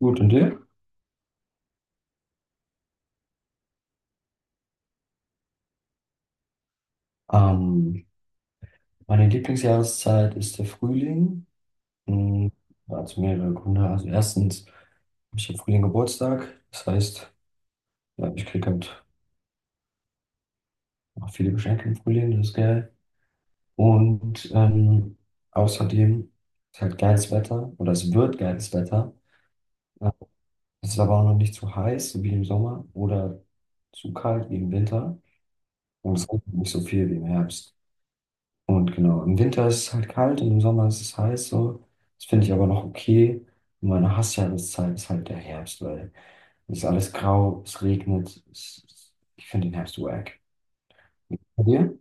Gut, und dir? Ähm, Meine Lieblingsjahreszeit ist der Frühling. Hm, ja, Also mehrere Gründe. Also erstens habe ich im Frühling Geburtstag. Das heißt, ja, ich kriege halt auch viele Geschenke im Frühling, das ist geil. Und außerdem ist halt geiles Wetter oder es wird geiles Wetter. Ja, es ist aber auch noch nicht zu heiß, so wie im Sommer, oder zu kalt wie im Winter. Und es regnet nicht so viel wie im Herbst. Und genau, im Winter ist es halt kalt und im Sommer ist es heiß so. Das finde ich aber noch okay. Und meine Hassjahreszeit ist halt der Herbst, weil es ist alles grau, es regnet. Ich finde den Herbst wack. Bei dir?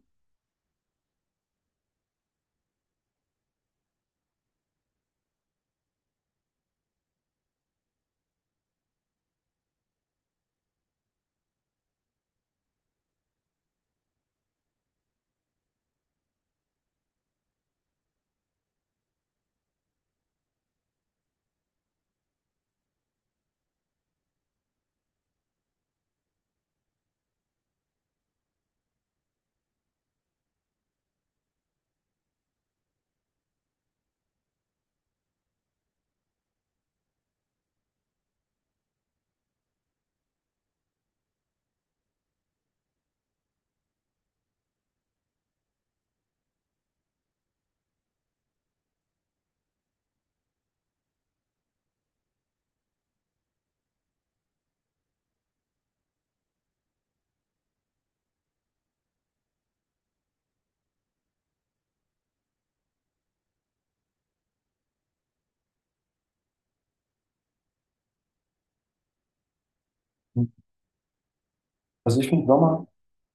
Also ich finde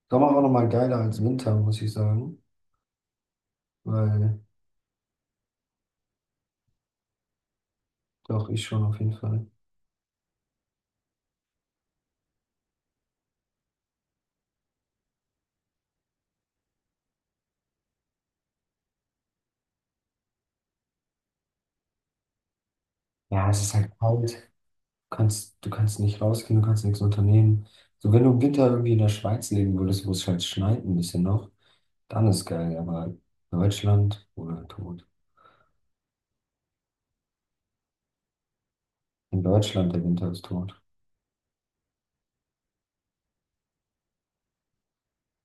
Sommer auch nochmal geiler als Winter, muss ich sagen. Weil doch, ich schon auf jeden Fall. Ja, es ist halt kalt. Du kannst nicht rausgehen, du kannst nichts unternehmen. So, wenn du im Winter irgendwie in der Schweiz leben würdest, wo es halt schneit ein bisschen noch, dann ist geil. Aber Deutschland oder in Deutschland, der Winter ist tot.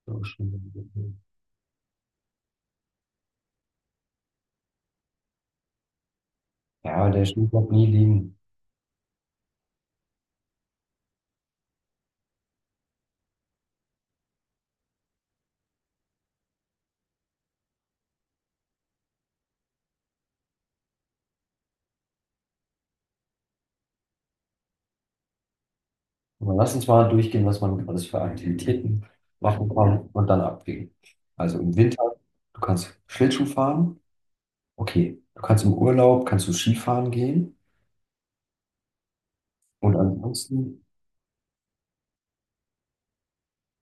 So schlimm. Ja, der Schnee bleibt nie liegen. Aber lass uns mal durchgehen, was man alles für Aktivitäten machen kann und dann abwägen. Also im Winter, du kannst Schlittschuh fahren. Okay, du kannst im Urlaub, kannst du Skifahren gehen. Und ansonsten,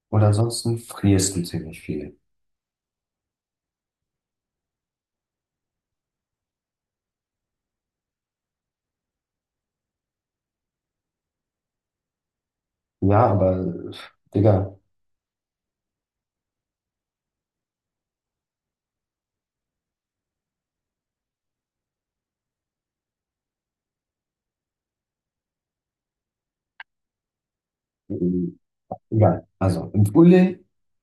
und ansonsten frierst du ziemlich viel. Ja, aber, äh, Digga, ja, also im Frühling,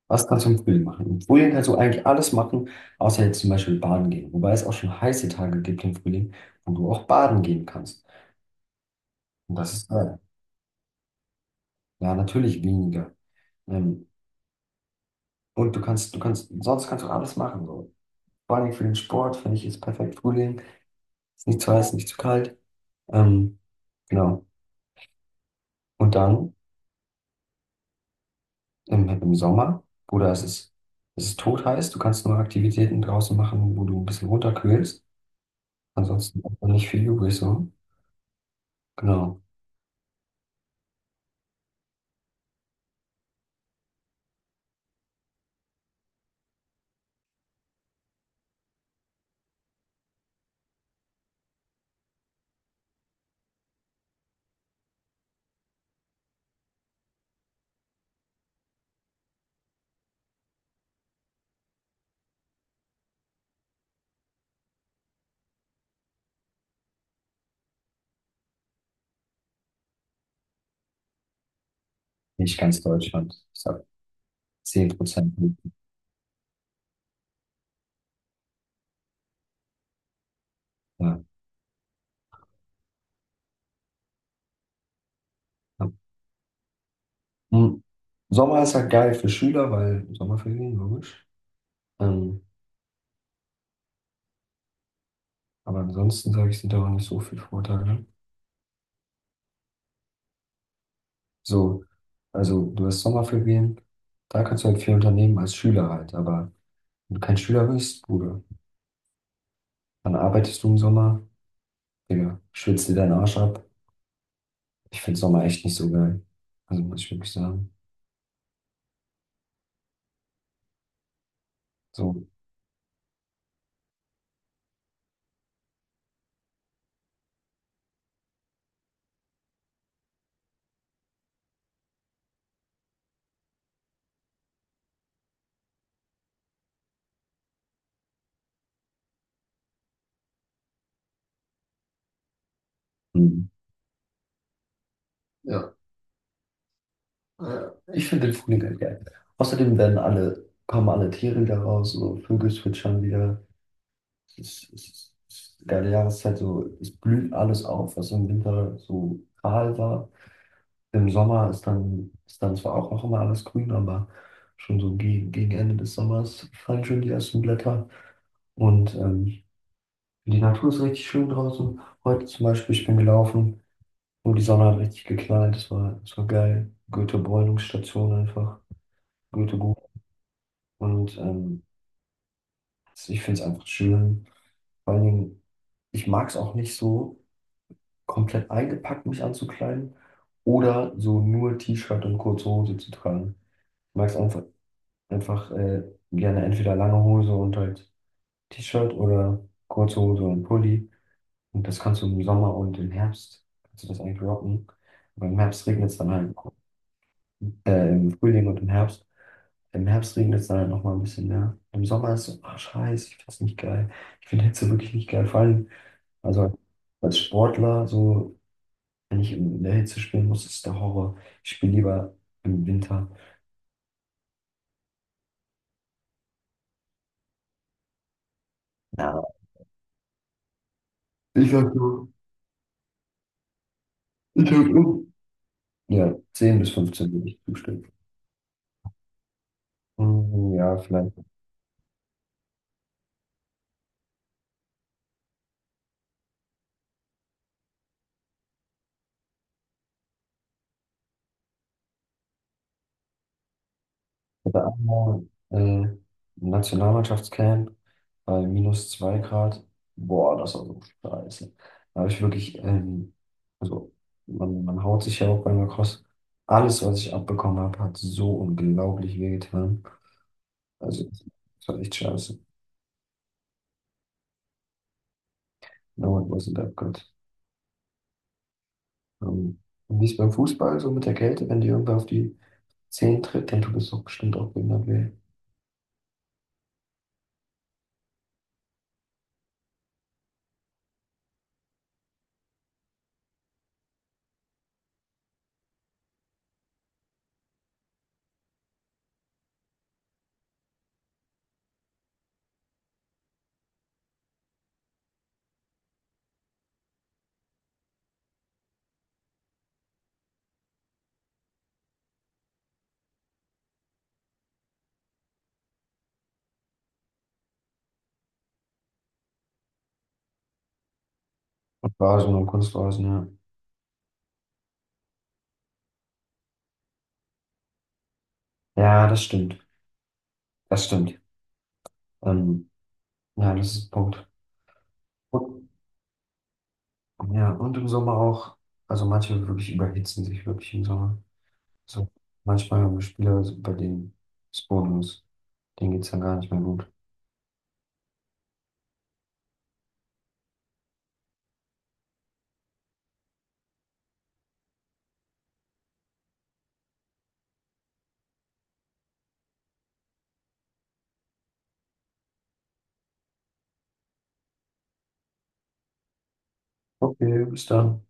was kannst du im Frühling machen? Im Frühling kannst du eigentlich alles machen, außer jetzt zum Beispiel baden gehen. Wobei es auch schon heiße Tage gibt im Frühling, wo du auch baden gehen kannst. Und das ist geil. Ja, natürlich weniger. Ähm, und sonst kannst du alles machen. So. Vor allem für den Sport finde ich ist perfekt Frühling. Ist nicht zu heiß, nicht zu kalt. Ähm, genau. Und dann im Sommer, Bruder, es ist totheiß. Du kannst nur Aktivitäten draußen machen, wo du ein bisschen runterkühlst. Ansonsten hat man nicht viel übrig, so. Genau. Nicht ganz Deutschland. Ich sag 10%. Ja, ja. Hm. Sommer ist halt geil für Schüler, weil Sommerferien, logisch. Ähm, aber ansonsten sage ich, sind da auch nicht so viele Vorteile, ne? So, also du hast Sommerferien, da kannst du halt viel unternehmen als Schüler halt. Aber wenn du kein Schüler bist, Bruder, dann arbeitest du im Sommer, Digga, schwitzt dir deinen Arsch ab. Ich finde Sommer echt nicht so geil. Also muss ich wirklich sagen. So. Hm. Ja, ich finde den Frühling halt geil. Außerdem kommen alle Tiere wieder raus, so Vögel zwitschern wieder. Es ist eine geile Jahreszeit, so es blüht alles auf, was im Winter so kahl war. Im Sommer ist dann zwar auch noch immer alles grün, aber schon so gegen Ende des Sommers fallen schon die ersten Blätter. Und die Natur ist richtig schön draußen. Heute zum Beispiel, ich bin gelaufen und die Sonne hat richtig geknallt. Es war geil. Goethe-Bräunungsstation einfach. Goethe-Gruben. Und ich finde es einfach schön. Vor allen Dingen, ich mag es auch nicht so komplett eingepackt, mich anzukleiden oder so nur T-Shirt und kurze Hose zu tragen. Ich mag es einfach gerne entweder lange Hose und halt T-Shirt oder kurze Hose und Pulli. Und das kannst du im Sommer und im Herbst, kannst du das eigentlich rocken. Aber im Herbst regnet es dann halt, im Frühling und im Herbst. Im Herbst regnet es dann halt nochmal ein bisschen mehr. Im Sommer ist so, ah, scheiße, ich finde das nicht geil. Ich finde Hitze wirklich nicht geil. Vor allem, also als Sportler, so, wenn ich in der Hitze spielen muss, ist der Horror. Ich spiele lieber im Winter. Ja. Ich sag so, ich sag so. Ja, 10 bis 15 würde ich zustimmen. Mhm, ja, vielleicht. Oder einmal äh, Nationalmannschaftscamp bei -2 Grad. Boah, das war so scheiße. Da habe ich wirklich, also man haut sich ja auch beim Lacrosse. Alles, was ich abbekommen habe, hat so unglaublich wehgetan. Also, das war echt scheiße. No, it wasn't that good. Ähm, und wie ist beim Fußball so mit der Kälte? Wenn dir irgendwer auf die Zehen tritt, dann tut es doch bestimmt auch behindert weh. Und Rasen und Kunstrasen, ja. Ja, das stimmt. Das stimmt. Ähm, ja, das ist ein Punkt. Und, ja, und im Sommer auch, also manche wirklich überhitzen sich wirklich im Sommer. So, manchmal haben wir Spieler, bei denen ist Bonus, denen geht es dann gar nicht mehr gut. Okay, bis dann.